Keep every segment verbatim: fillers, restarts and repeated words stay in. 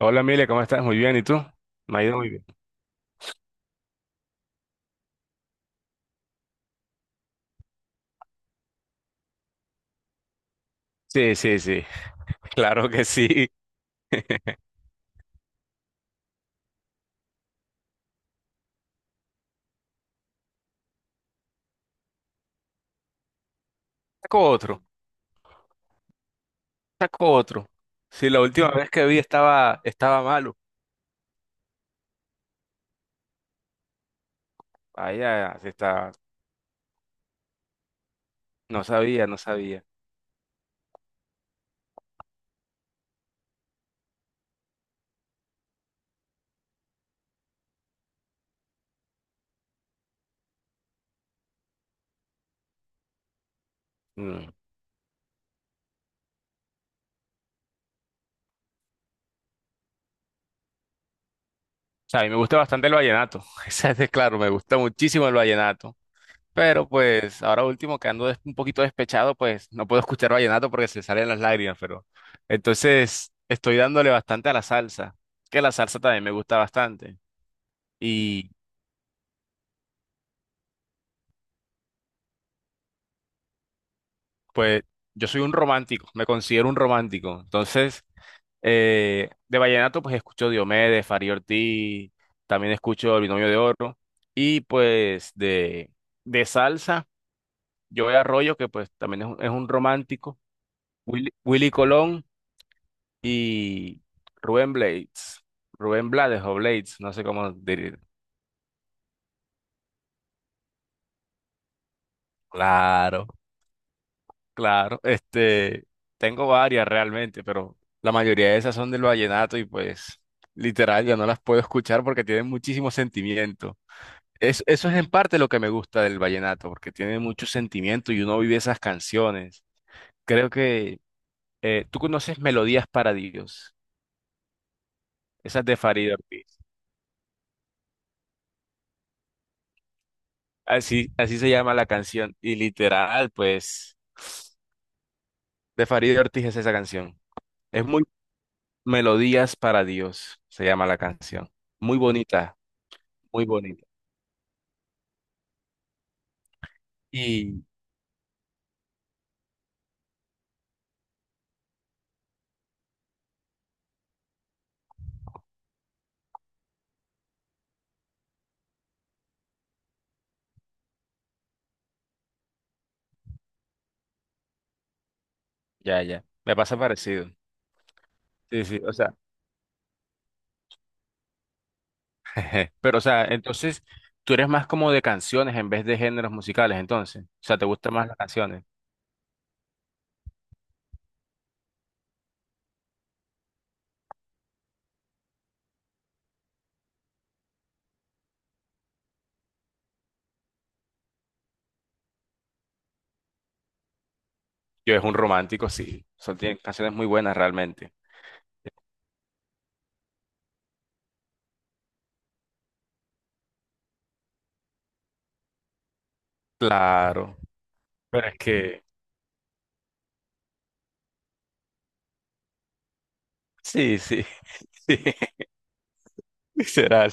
Hola, Mile, ¿cómo estás? Muy bien, ¿y tú? Me ha ido muy bien. Sí, sí, sí, claro que sí. Saco otro, saco otro. Sí, la última vez que vi estaba, estaba malo. Ahí ya se está, no sabía, no sabía. Mm. O sea, a mí me gusta bastante el vallenato, esa es de claro, me gusta muchísimo el vallenato. Pero pues ahora último que ando des- un poquito despechado, pues no puedo escuchar vallenato porque se salen las lágrimas, pero entonces estoy dándole bastante a la salsa, que la salsa también me gusta bastante. Pues yo soy un romántico, me considero un romántico. Entonces, eh, de vallenato, pues escucho Diomedes, Fari Ortiz, también escucho El Binomio de Oro. Y pues de, de salsa, Joey Arroyo, que pues también es un, es un romántico, Willy, Willy Colón y Rubén Blades, Rubén Blades o Blades, no sé cómo decir. Claro. Claro, este, tengo varias realmente, pero la mayoría de esas son del vallenato y pues literal ya no las puedo escuchar porque tienen muchísimo sentimiento. Es, eso es en parte lo que me gusta del vallenato, porque tiene mucho sentimiento y uno vive esas canciones. Creo que eh, tú conoces Melodías para Dios, esas de Farid Ortiz. Así, así se llama la canción y literal, pues, de Farid Ortiz es esa canción. Es muy Melodías para Dios, se llama la canción. Muy bonita, muy bonita. Y ya, ya, me pasa parecido. Sí, sí, o sea, pero o sea, entonces tú eres más como de canciones en vez de géneros musicales, entonces, o sea, te gustan más las canciones. Yo es un romántico, sí, o sea, tiene canciones muy buenas realmente. Claro, pero es que, sí, sí, sí, literal.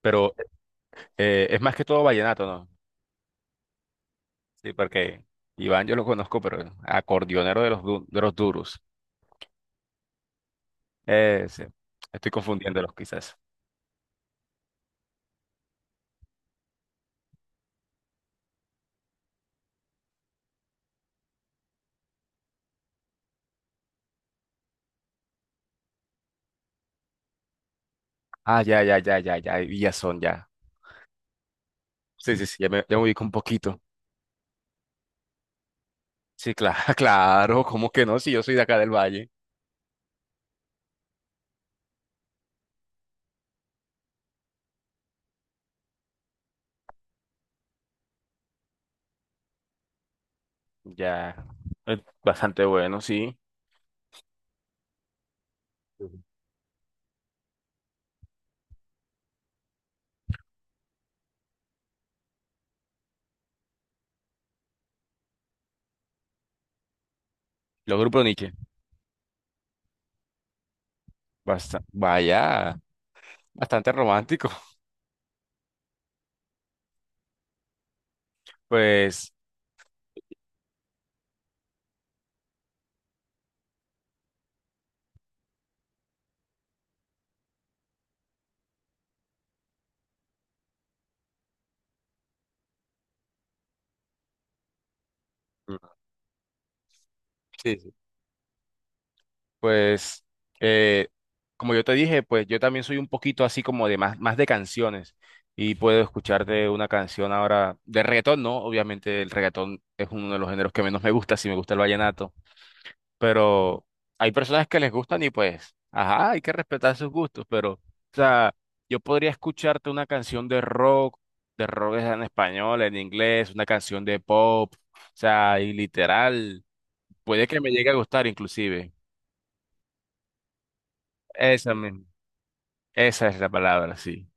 Pero eh, es más que todo vallenato, ¿no? Sí, porque Iván yo lo conozco, pero acordeonero de los, du- de los duros. Ese sí, estoy confundiéndolos quizás. Ah, ya, ya, ya, ya, ya, Villazón, ya. Son, ya. Sí, sí, sí, ya me, ya me ubico un poquito. Sí, claro, claro, ¿cómo que no? Si yo soy de acá del Valle. Ya, eh, bastante bueno, sí. Ujú. Los grupos Niche. Basta, vaya, bastante romántico. Pues, mm, sí, sí. Pues, eh, como yo te dije, pues yo también soy un poquito así como de más, más de canciones. Y puedo escucharte una canción ahora de reggaetón, ¿no? Obviamente el reggaetón es uno de los géneros que menos me gusta, si me gusta el vallenato. Pero hay personas que les gustan y pues, ajá, hay que respetar sus gustos, pero, o sea, yo podría escucharte una canción de rock, de rock es en español, en inglés, una canción de pop, o sea, y literal, puede que me llegue a gustar inclusive. Esa misma, esa es la palabra, sí.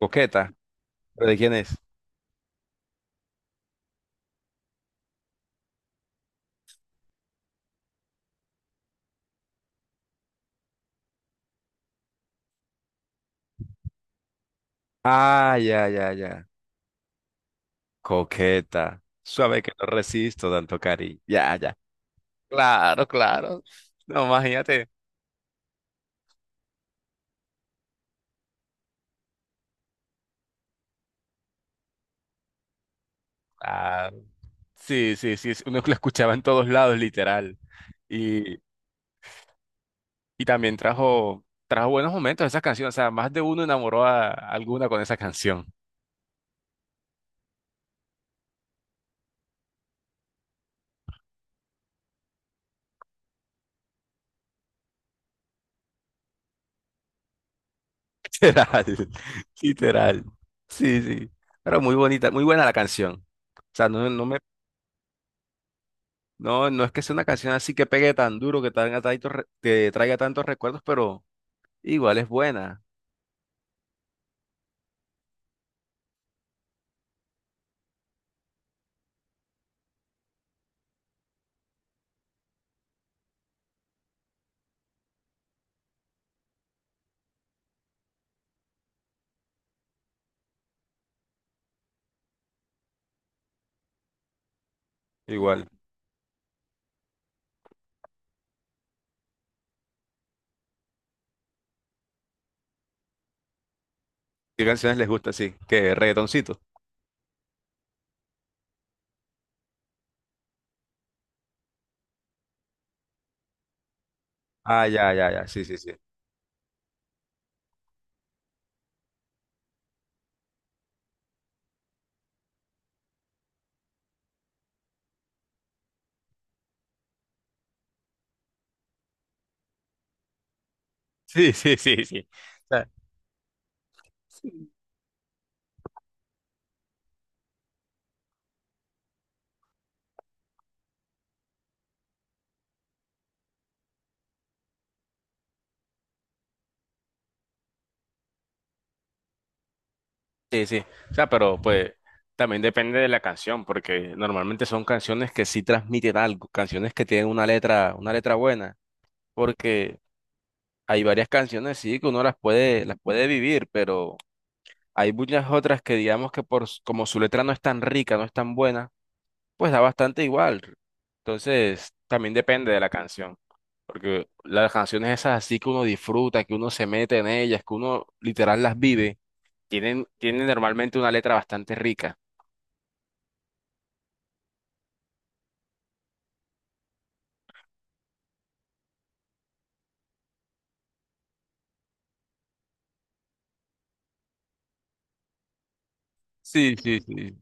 Coqueta. ¿Pero de quién es? Ah, ya, ya, ya. Coqueta. Suave que no resisto tanto cariño. Ya, ya. Claro, claro. No, imagínate. Ah, sí, sí, sí, es- uno que lo escuchaba en todos lados, literal. Y, y también trajo, trajo buenos momentos esa canción, o sea, más de uno enamoró a alguna con esa canción. Literal, literal. Sí, sí. Pero muy bonita, muy buena la canción. O sea, no, no me, no, no es que sea una canción así que pegue tan duro, que traiga tantos, re- que traiga tantos recuerdos, pero igual es buena. Igual. ¿Qué canciones les gusta así? ¿Qué? ¿Reggaetoncito? Ah, ya, ya, ya. Sí, sí, sí. Sí, sí, sí, sí. Sí, sí. O sea, pero pues también depende de la canción, porque normalmente son canciones que sí transmiten algo, canciones que tienen una letra, una letra buena, porque hay varias canciones sí que uno las puede, las puede vivir, pero hay muchas otras que digamos que por s- como su letra no es tan rica, no es tan buena, pues da bastante igual. Entonces, también depende de la canción, porque las canciones esas así que uno disfruta, que uno se mete en ellas, que uno literal las vive, tienen, tienen normalmente una letra bastante rica. Sí, sí, sí,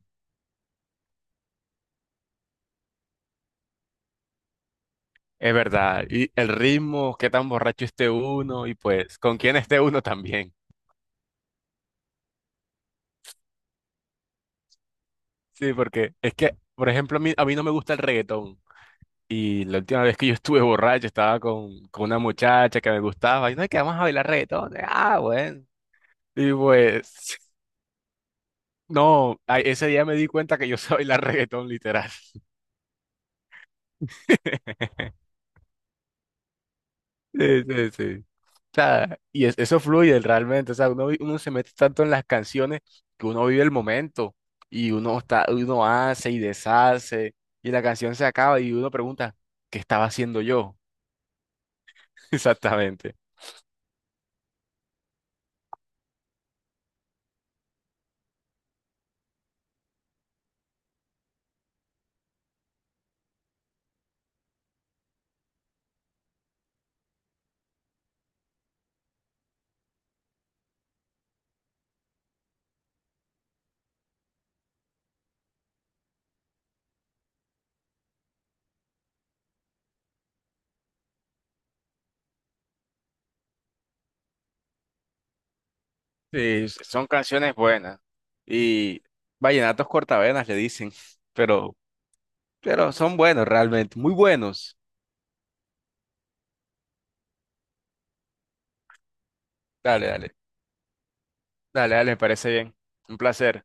es verdad. Y el ritmo, qué tan borracho esté uno y pues con quién esté uno también. Sí, porque es que, por ejemplo, a mí, a mí no me gusta el reggaetón. Y la última vez que yo estuve borracho estaba con, con una muchacha que me gustaba y no, que vamos a bailar reggaetón. Ah, bueno. Y pues, no, ay, ese día me di cuenta que yo sabía bailar reggaetón literal. Sí, sí, sí. O sea, y es- eso fluye realmente. O sea, uno, vi- uno se mete tanto en las canciones que uno vive el momento y uno está, uno hace y deshace y la canción se acaba y uno pregunta, ¿qué estaba haciendo yo? Exactamente. Sí, s- son canciones buenas. Y vallenatos cortavenas le dicen, pero, pero son buenos realmente, muy buenos. Dale, dale, dale, dale, me parece bien. Un placer.